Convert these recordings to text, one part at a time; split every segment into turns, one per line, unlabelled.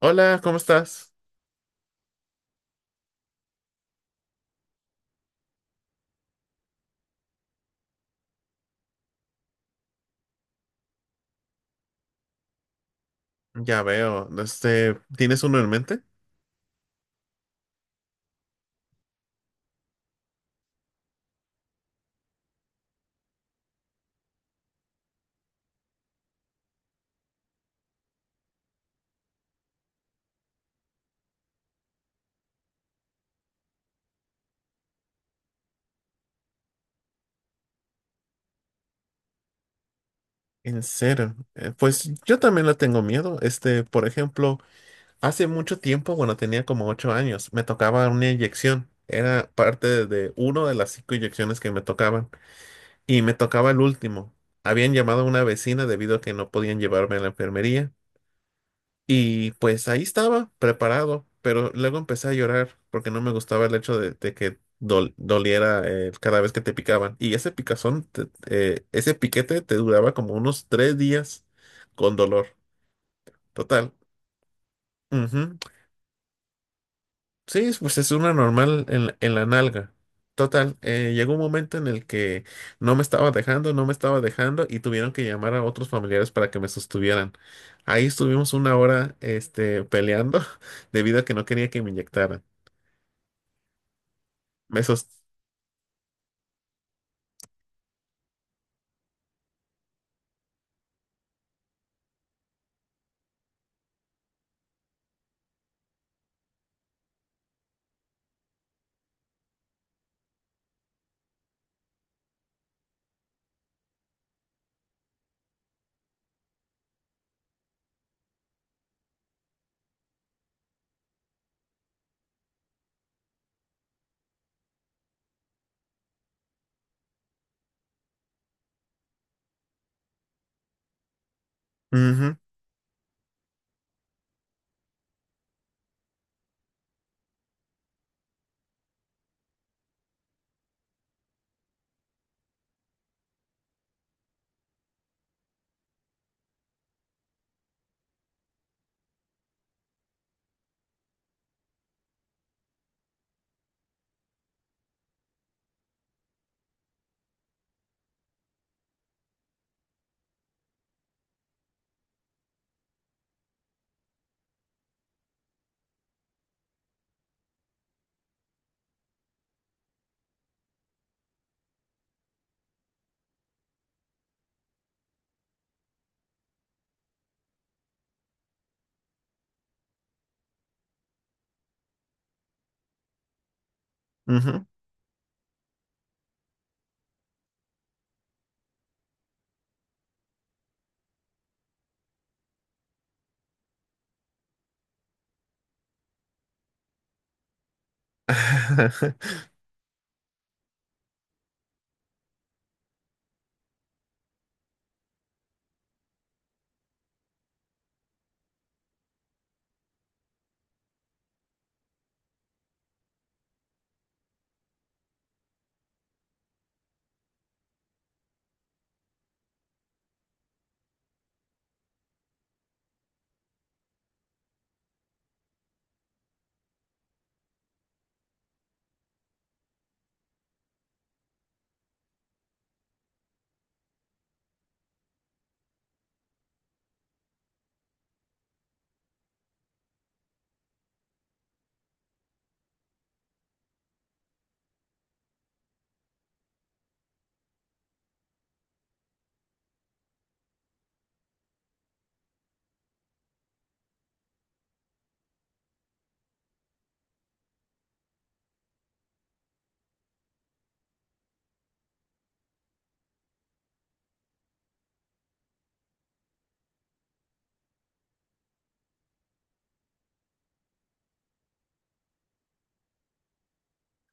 Hola, ¿cómo estás? Ya veo, este, ¿tienes uno en mente? En serio, pues yo también le tengo miedo. Este, por ejemplo, hace mucho tiempo, bueno, tenía como 8 años, me tocaba una inyección. Era parte de uno de las 5 inyecciones que me tocaban y me tocaba el último. Habían llamado a una vecina debido a que no podían llevarme a la enfermería. Y pues ahí estaba, preparado, pero luego empecé a llorar porque no me gustaba el hecho de que doliera, cada vez que te picaban. Y ese picazón, ese piquete te duraba como unos 3 días con dolor. Total. Ujú. Sí, pues es una normal la en la nalga. Total, llegó un momento en el que no me estaba dejando y tuvieron que llamar a otros familiares para que me sostuvieran. Ahí estuvimos 1 hora, este, peleando debido a que no quería que me inyectaran. Me sos- Ujú, ujú.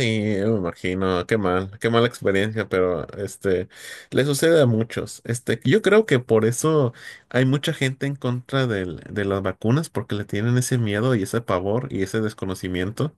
Sí, me imagino, qué mal, qué mala experiencia, pero este le sucede a muchos. Este, yo creo que por eso hay mucha gente en contra de las vacunas, porque le tienen ese miedo y ese pavor y ese desconocimiento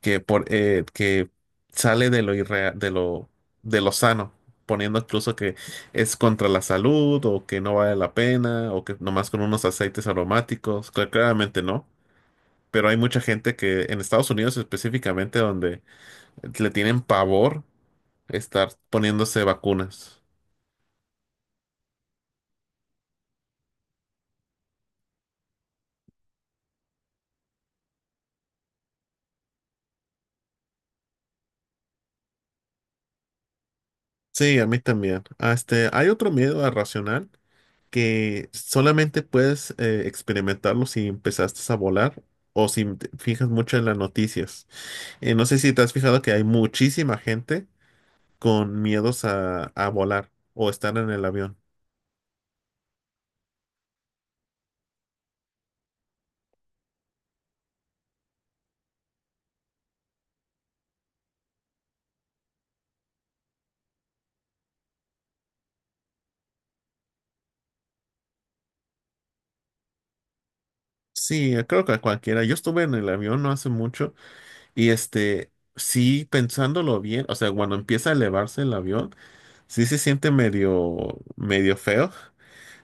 que por que sale de de lo sano, poniendo incluso que es contra la salud o que no vale la pena o que nomás con unos aceites aromáticos, claramente no. Pero hay mucha gente que en Estados Unidos específicamente donde le tienen pavor estar poniéndose vacunas. Sí, a mí también. Ah, este, hay otro miedo irracional que solamente puedes, experimentarlo si empezaste a volar o si te fijas mucho en las noticias. No sé si te has fijado que hay muchísima gente con miedos a volar o estar en el avión. Sí, creo que a cualquiera. Yo estuve en el avión no hace mucho y este, sí, pensándolo bien, o sea, cuando empieza a elevarse el avión. Sí se siente medio feo,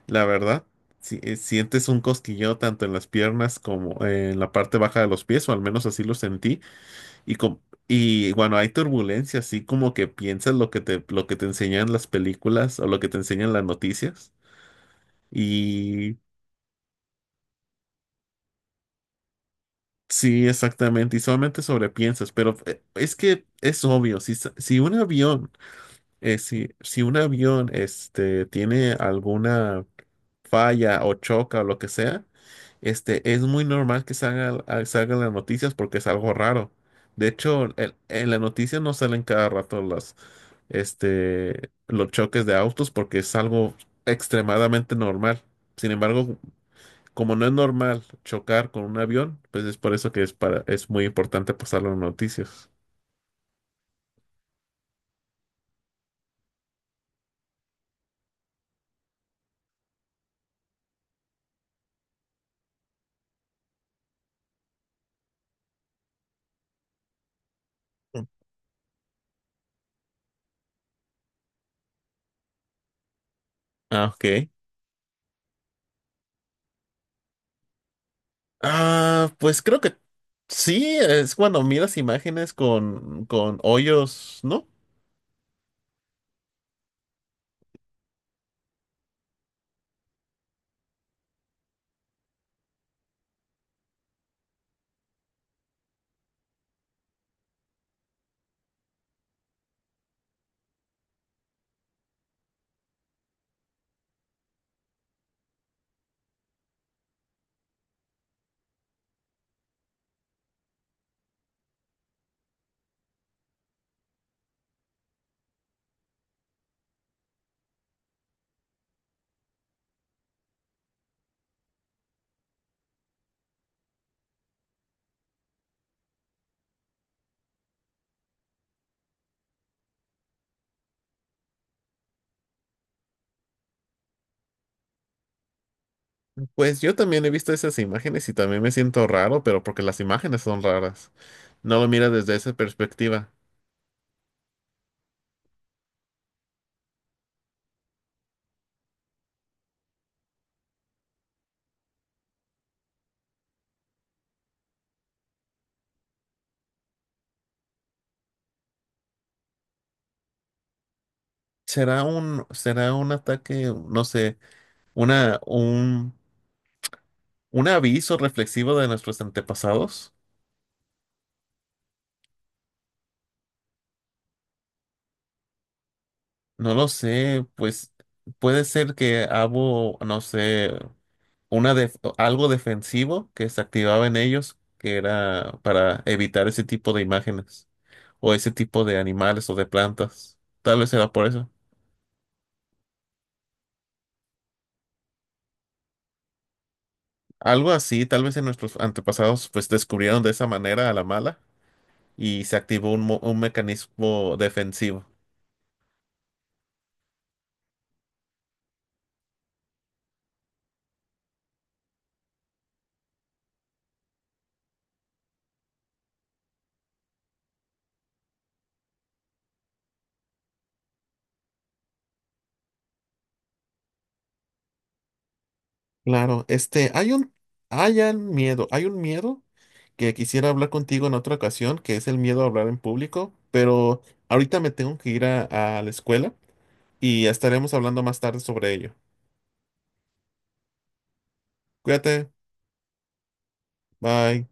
la verdad. Si sientes un cosquilleo tanto en las piernas como en la parte baja de los pies, o al menos así lo sentí. Y, com- y bueno, hay turbulencia, así como que piensas lo que lo que te enseñan las películas o lo que te enseñan las noticias. Y sí, exactamente, y solamente sobrepiensas, pero es que es obvio, si un avión, si un avión este, tiene alguna falla o choca o lo que sea, este, es muy normal que salgan las noticias porque es algo raro. De hecho, en las noticias no salen cada rato este, los choques de autos porque es algo extremadamente normal. Sin embargo, como no es normal chocar con un avión, pues es por eso que es muy importante pasarlo en noticias. Ah, ok. Ah, pues creo que sí, es cuando miras imágenes con hoyos, ¿no? Pues yo también he visto esas imágenes y también me siento raro, pero porque las imágenes son raras. No lo miras desde esa perspectiva. Será un ataque, no sé, una, un, un aviso reflexivo de nuestros antepasados. No lo sé, pues puede ser que hubo, no sé, una algo defensivo que se activaba en ellos, que era para evitar ese tipo de imágenes o ese tipo de animales o de plantas. Tal vez era por eso. Algo así, tal vez en nuestros antepasados pues descubrieron de esa manera a la mala y se activó un mecanismo defensivo. Claro, este, hay un miedo que quisiera hablar contigo en otra ocasión, que es el miedo a hablar en público, pero ahorita me tengo que ir a la escuela. Y estaremos hablando más tarde sobre ello. Cuídate, bye.